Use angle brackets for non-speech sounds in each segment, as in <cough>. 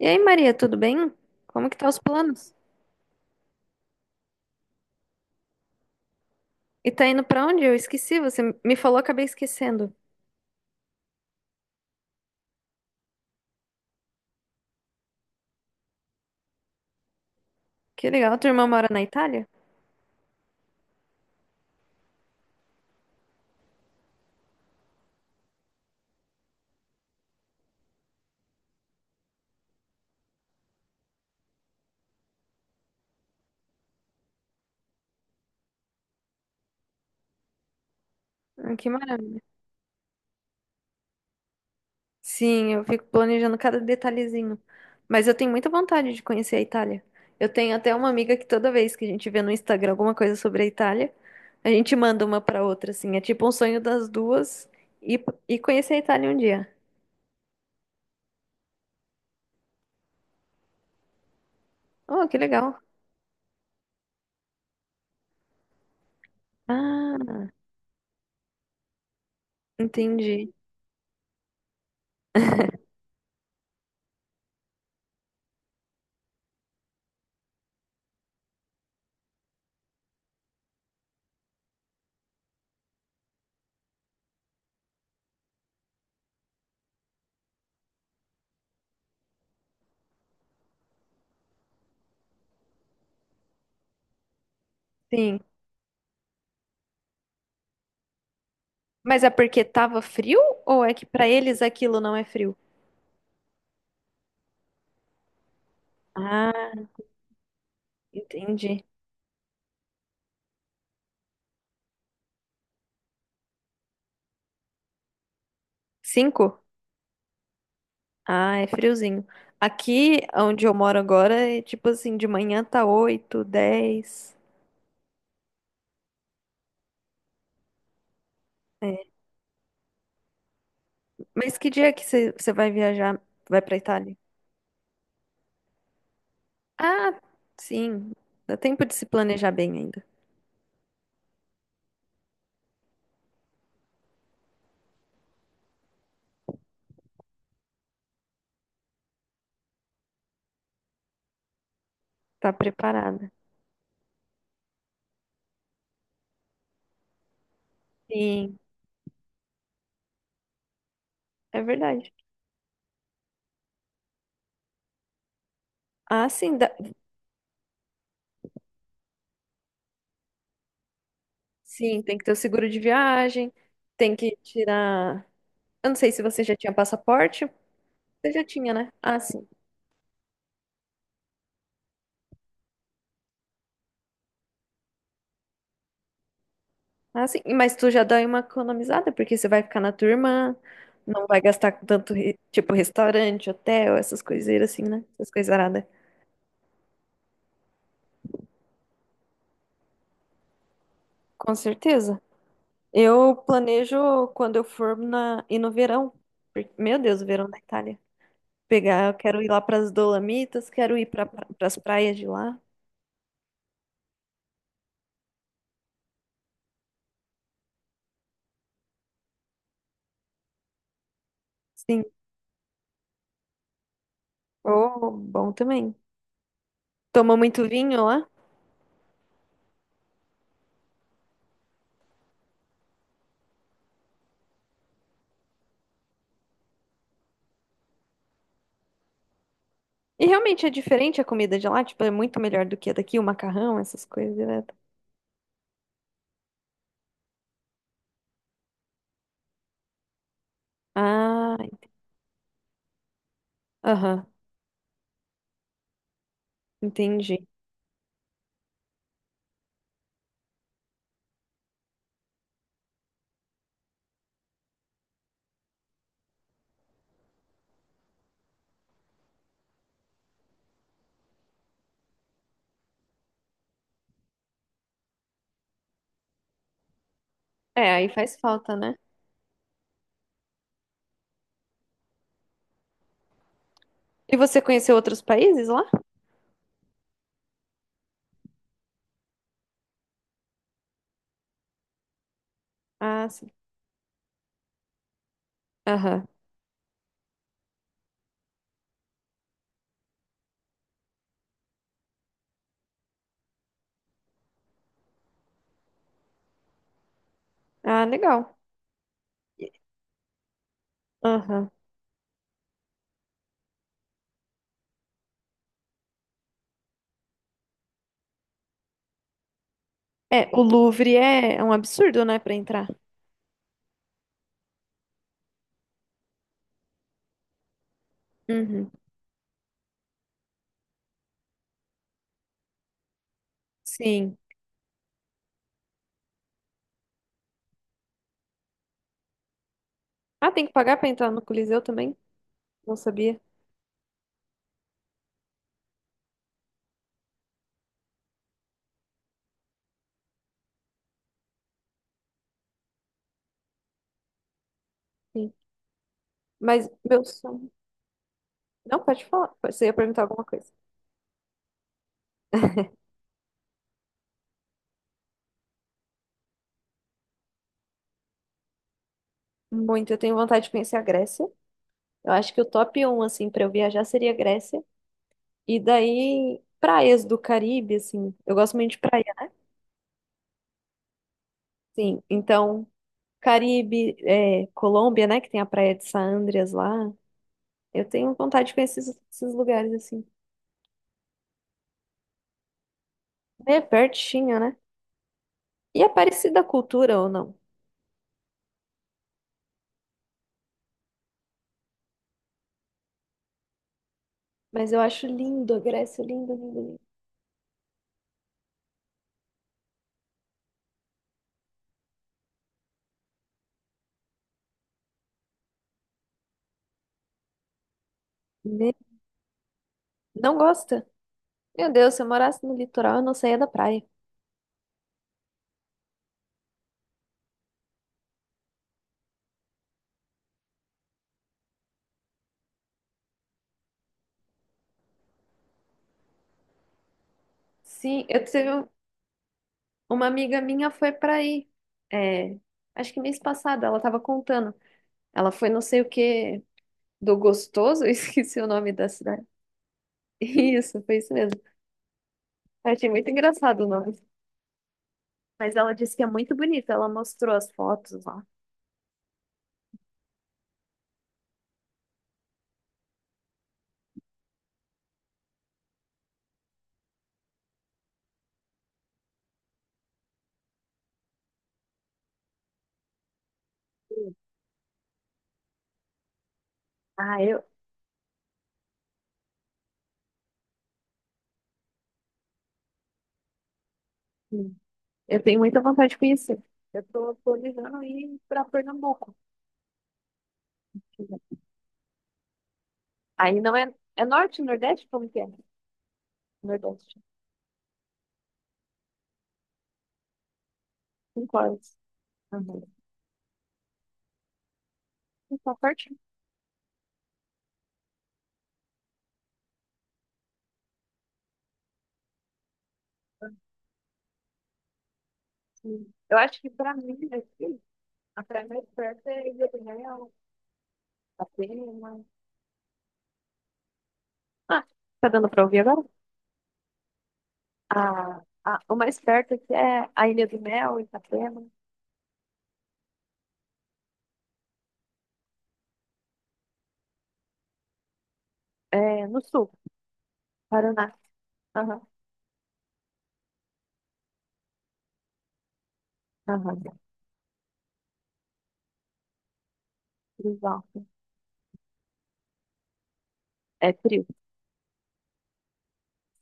E aí, Maria, tudo bem? Como que tá os planos? E tá indo pra onde? Eu esqueci, você me falou, acabei esquecendo. Que legal, tua irmã mora na Itália? Ah, que maravilha. Sim, eu fico planejando cada detalhezinho. Mas eu tenho muita vontade de conhecer a Itália. Eu tenho até uma amiga que toda vez que a gente vê no Instagram alguma coisa sobre a Itália, a gente manda uma pra outra, assim. É tipo um sonho das duas e, e conhecer a Itália um dia. Oh, que legal. Ah, entendi. Sim. Mas é porque tava frio ou é que pra eles aquilo não é frio? Ah, entendi. Cinco? Ah, é friozinho. Aqui, onde eu moro agora, é tipo assim, de manhã tá oito, 10. É. Mas que dia que você vai viajar? Vai pra Itália? Ah, sim. Dá tempo de se planejar bem ainda. Tá preparada. Sim, é verdade. Ah, sim, sim, tem que ter o seguro de viagem, tem que tirar. Eu não sei se você já tinha passaporte. Você já tinha, né? Ah, sim. Ah, sim. Mas tu já dá uma economizada, porque você vai ficar na tua irmã, não vai gastar com tanto, tipo, restaurante, hotel, essas coiseiras assim, né? Essas coisaradas. Com certeza. Eu planejo quando eu for ir no verão. Porque meu Deus, o verão da Itália. Pegar, eu quero ir lá para as Dolomitas, quero ir para as praias de lá. Sim. Oh, bom também. Toma muito vinho lá. E realmente é diferente a comida de lá, tipo, é muito melhor do que a daqui, o macarrão, essas coisas, né? Ah, aham, entendi. É, aí faz falta, né? E você conheceu outros países lá? Ah, sim. Aham. Ah, legal. E. Aham. É, o Louvre é um absurdo, né, pra entrar. Uhum. Sim. Ah, tem que pagar pra entrar no Coliseu também? Não sabia. Sim. Mas meu sonho. Não, pode falar. Você ia perguntar alguma coisa. Muito, eu tenho vontade de conhecer a Grécia. Eu acho que o top um, assim, pra eu viajar seria a Grécia. E daí, praias do Caribe, assim. Eu gosto muito de praia, né? Sim. Então. Caribe, é, Colômbia, né? Que tem a Praia de San Andreas lá. Eu tenho vontade de conhecer esses lugares assim. É pertinho, né? E é parecida a cultura ou não? Mas eu acho lindo a Grécia, lindo, lindo, lindo. Né? Não gosta? Meu Deus, se eu morasse no litoral, eu não saía da praia. Sim, uma amiga minha foi pra aí. É, acho que mês passado ela tava contando. Ela foi não sei o que do Gostoso, eu <laughs> esqueci o nome da cidade. Isso, foi isso mesmo. Eu achei muito engraçado o nome. Mas ela disse que é muito bonito, ela mostrou as fotos lá. Ah, eu, hum, eu tenho muita vontade de conhecer. Eu tô planejando ir pra Pernambuco. Aí não é, é norte, nordeste? Como que é? Nordeste. 5 horas. Uhum. Tá pertinho. Sim. Eu acho que pra mim aqui, a praia mais perto é Ilha do Mel, Atena. Ah, tá dando pra ouvir agora? A, o mais perto aqui é a Ilha do Mel, Itapema, é, no sul, Paraná. Aham. Exato. É frio.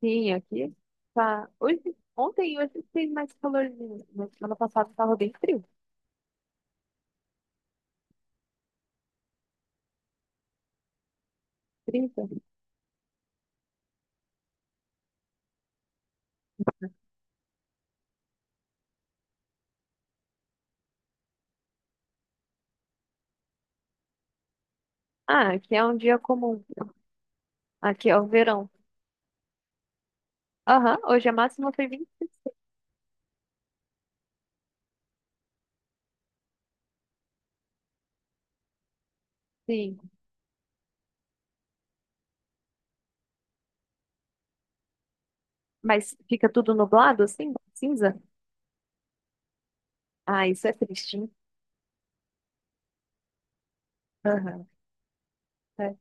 Sim, aqui tá. Hoje, ontem e hoje tem mais calorzinho, mas semana passada estava bem frio. 30. Ah, aqui é um dia comum. Aqui é o verão. Aham, hoje a máxima foi 25. Mas fica tudo nublado, assim, cinza? Ah, isso é triste, hein? Aham, é.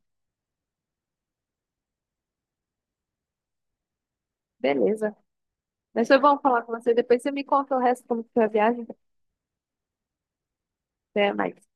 Beleza. Mas foi bom falar com você. Depois você me conta o resto como que foi a viagem. Até mais.